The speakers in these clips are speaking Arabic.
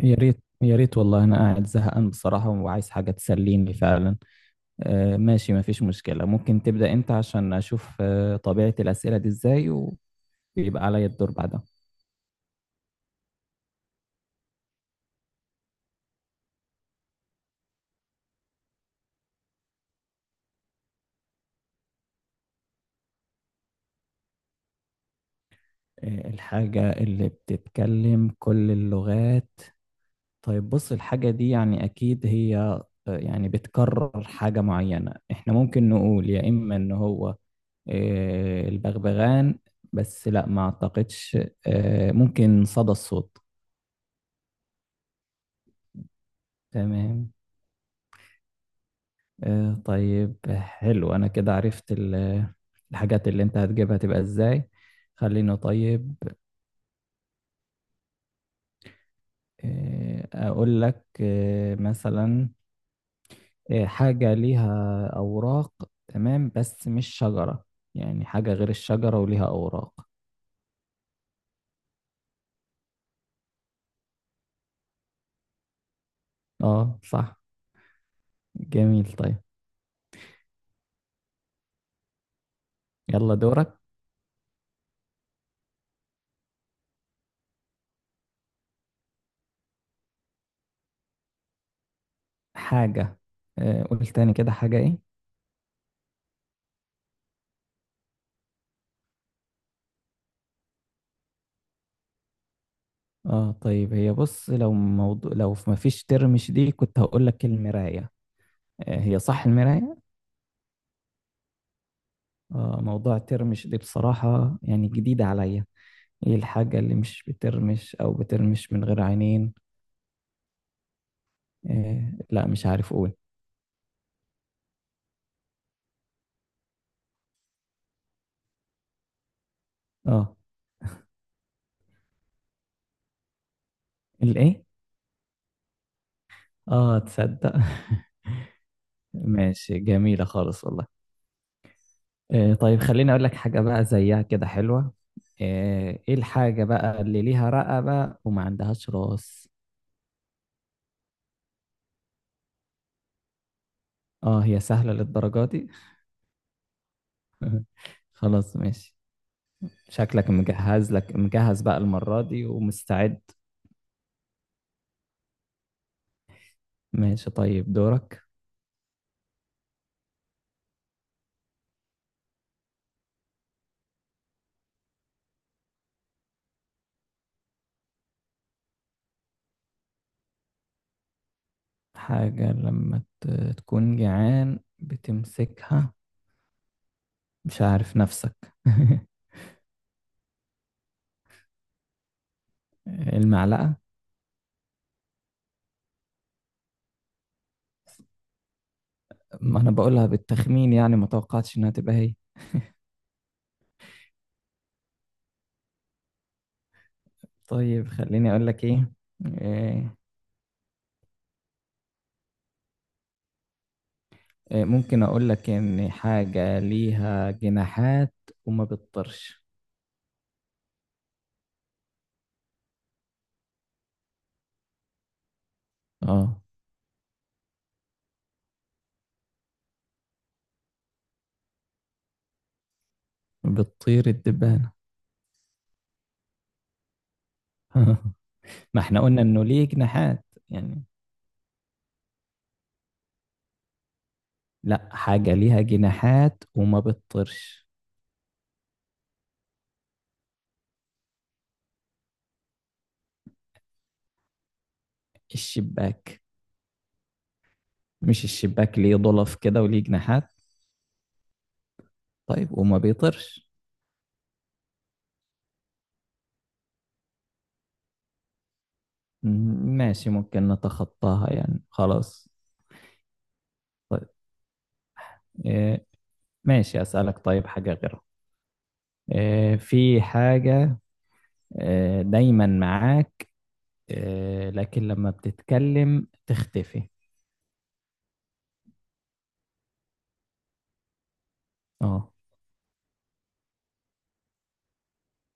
يا ريت يا ريت والله انا قاعد زهقان بصراحة وعايز حاجة تسليني فعلا. ماشي، مفيش مشكلة. ممكن تبدأ انت عشان اشوف طبيعة الأسئلة دي ازاي، ويبقى عليا الدور بعدها. الحاجة اللي بتتكلم كل اللغات؟ طيب بص، الحاجة دي يعني اكيد هي يعني بتكرر حاجة معينة، احنا ممكن نقول يا اما ان هو البغبغان، بس لا، ما اعتقدش. ممكن صدى الصوت. تمام. طيب حلو، أنا كده عرفت الحاجات اللي أنت هتجيبها تبقى إزاي. خليني، طيب أقول لك مثلا، حاجة ليها أوراق، تمام، بس مش شجرة، يعني حاجة غير الشجرة وليها أوراق. أه صح. جميل، طيب. يلا دورك. حاجة. قول تاني كده، حاجة إيه؟ أه طيب، هي بص، لو موضوع، لو ما فيش ترم، دي كنت هقول لك المراية. هي صح، المراية. موضوع الترمش دي بصراحة يعني جديدة عليا. ايه الحاجة اللي مش بترمش او بترمش من غير عينين؟ إيه، لا مش عارف اقول. اه. الايه؟ اه، تصدق. ماشي، جميلة خالص والله. إيه، طيب خليني اقول لك حاجة بقى زيها كده حلوة. ايه، إيه الحاجة بقى اللي ليها رقبة وما عندهاش راس؟ اه، هي سهلة للدرجة دي؟ خلاص ماشي. شكلك مجهز، لك مجهز بقى المرة دي ومستعد. ماشي، طيب دورك. حاجة لما تكون جعان بتمسكها، مش عارف نفسك. المعلقة. ما أنا بقولها بالتخمين، يعني ما توقعتش إنها تبقى هي. طيب خليني أقول لك إيه. إيه- إيه، ممكن أقول لك إن حاجة ليها جناحات وما بتطيرش. آه. بتطير الدبانة؟ ما إحنا قلنا إنه ليه جناحات يعني. لا، حاجة ليها جناحات وما بتطيرش. الشباك. مش الشباك ليه ضلف كده وليه جناحات؟ طيب وما بيطيرش. م- ماشي، ممكن نتخطاها يعني، خلاص. طيب. إيه. ماشي، أسألك طيب حاجة غيرها. إيه، في حاجة إيه دايما معاك، إيه لكن لما بتتكلم تختفي. اه.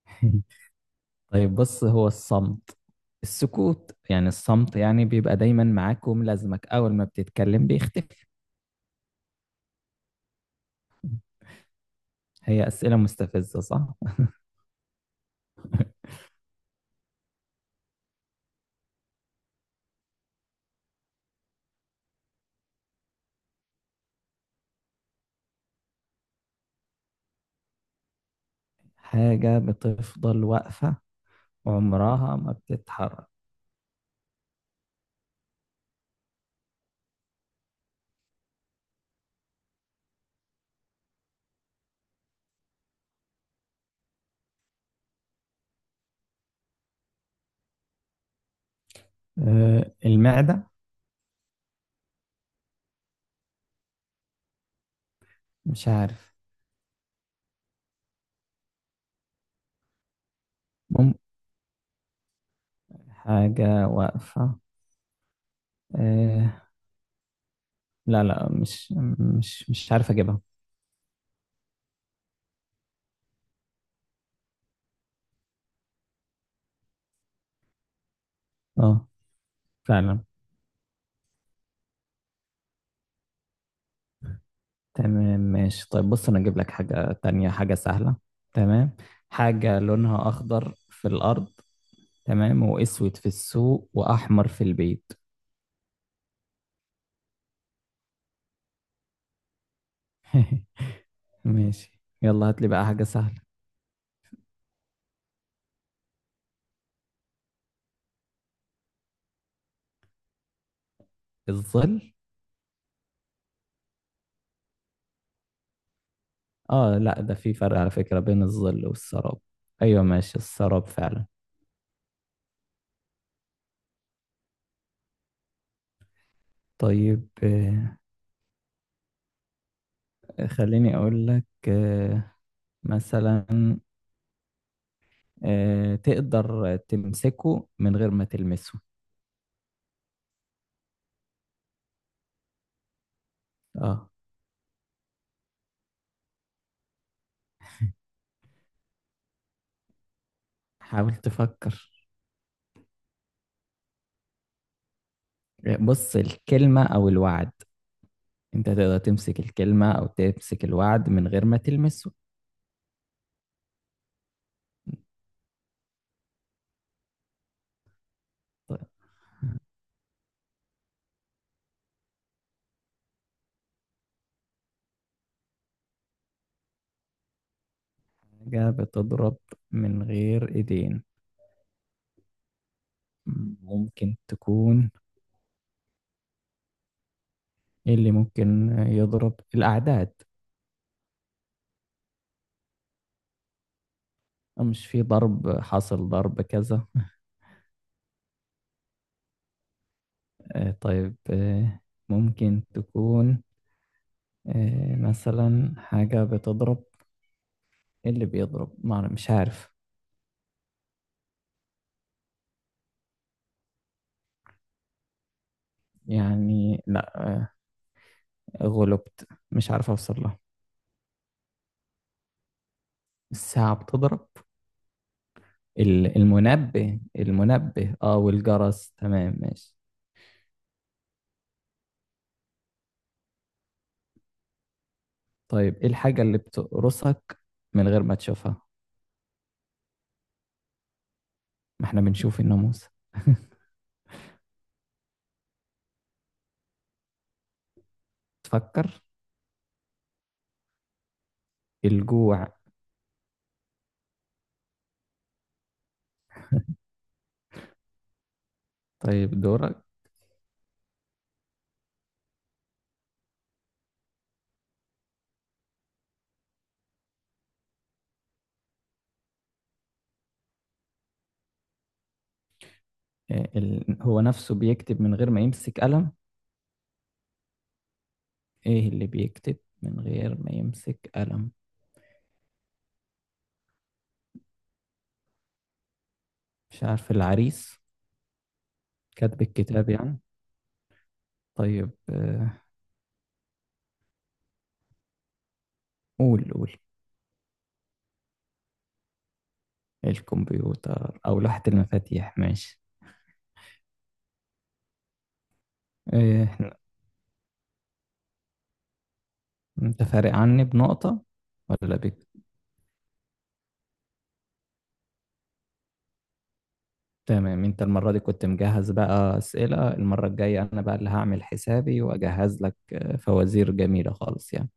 طيب بص، هو الصمت، السكوت، يعني الصمت يعني بيبقى دايما معاك وملازمك، أول ما بتتكلم بيختفي. هي أسئلة مستفزة صح؟ حاجة بتفضل واقفة، عمرها ما بتتحرك. المعدة. مش عارف. مم. حاجة واقفة. آه، لا لا، مش عارف أجيبها. اه. فعلا. تمام ماشي. طيب بص، أنا أجيب لك حاجة تانية، حاجة سهلة. تمام، حاجة لونها أخضر في الأرض، تمام، وأسود في السوق، وأحمر في البيت. ماشي، يلا هات لي بقى حاجة سهلة. الظل. اه لا، ده في فرق على فكرة بين الظل والسراب. ايوه، ماشي السراب فعلا. طيب خليني أقول لك مثلا، تقدر تمسكه من غير ما تلمسه. اه. حاول تفكر. بص، الكلمة أو الوعد، أنت تقدر تمسك الكلمة أو تمسك الوعد من غير ما تلمسه. طيب. حاجة بتضرب من غير إيدين، ممكن تكون إيه اللي ممكن يضرب، الأعداد؟ مش في ضرب حاصل ضرب كذا؟ طيب ممكن تكون إيه مثلا، حاجة بتضرب، إيه اللي بيضرب ما أعرف- مش عارف، يعني لا، غلبت مش عارف أوصل لها. الساعة بتضرب. المنبه المنبه، اه، والجرس، تمام ماشي. طيب ايه الحاجة اللي بتقرصك من غير ما تشوفها؟ ما احنا بنشوف الناموس. تفكر. الجوع. طيب دورك. إيه هو نفسه بيكتب من غير ما يمسك قلم. ايه اللي بيكتب من غير ما يمسك قلم؟ مش عارف، العريس، كاتب الكتاب يعني. طيب قول قول. الكمبيوتر أو لوحة المفاتيح، ماشي. إيه. أنت فارق عني بنقطة ولا بك؟ تمام، أنت المرة دي كنت مجهز بقى أسئلة. المرة الجاية أنا بقى اللي هعمل حسابي وأجهز لك فوازير جميلة خالص يعني.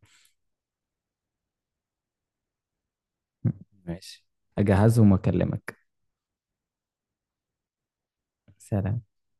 ماشي، أجهزهم وأكلمك. سلام.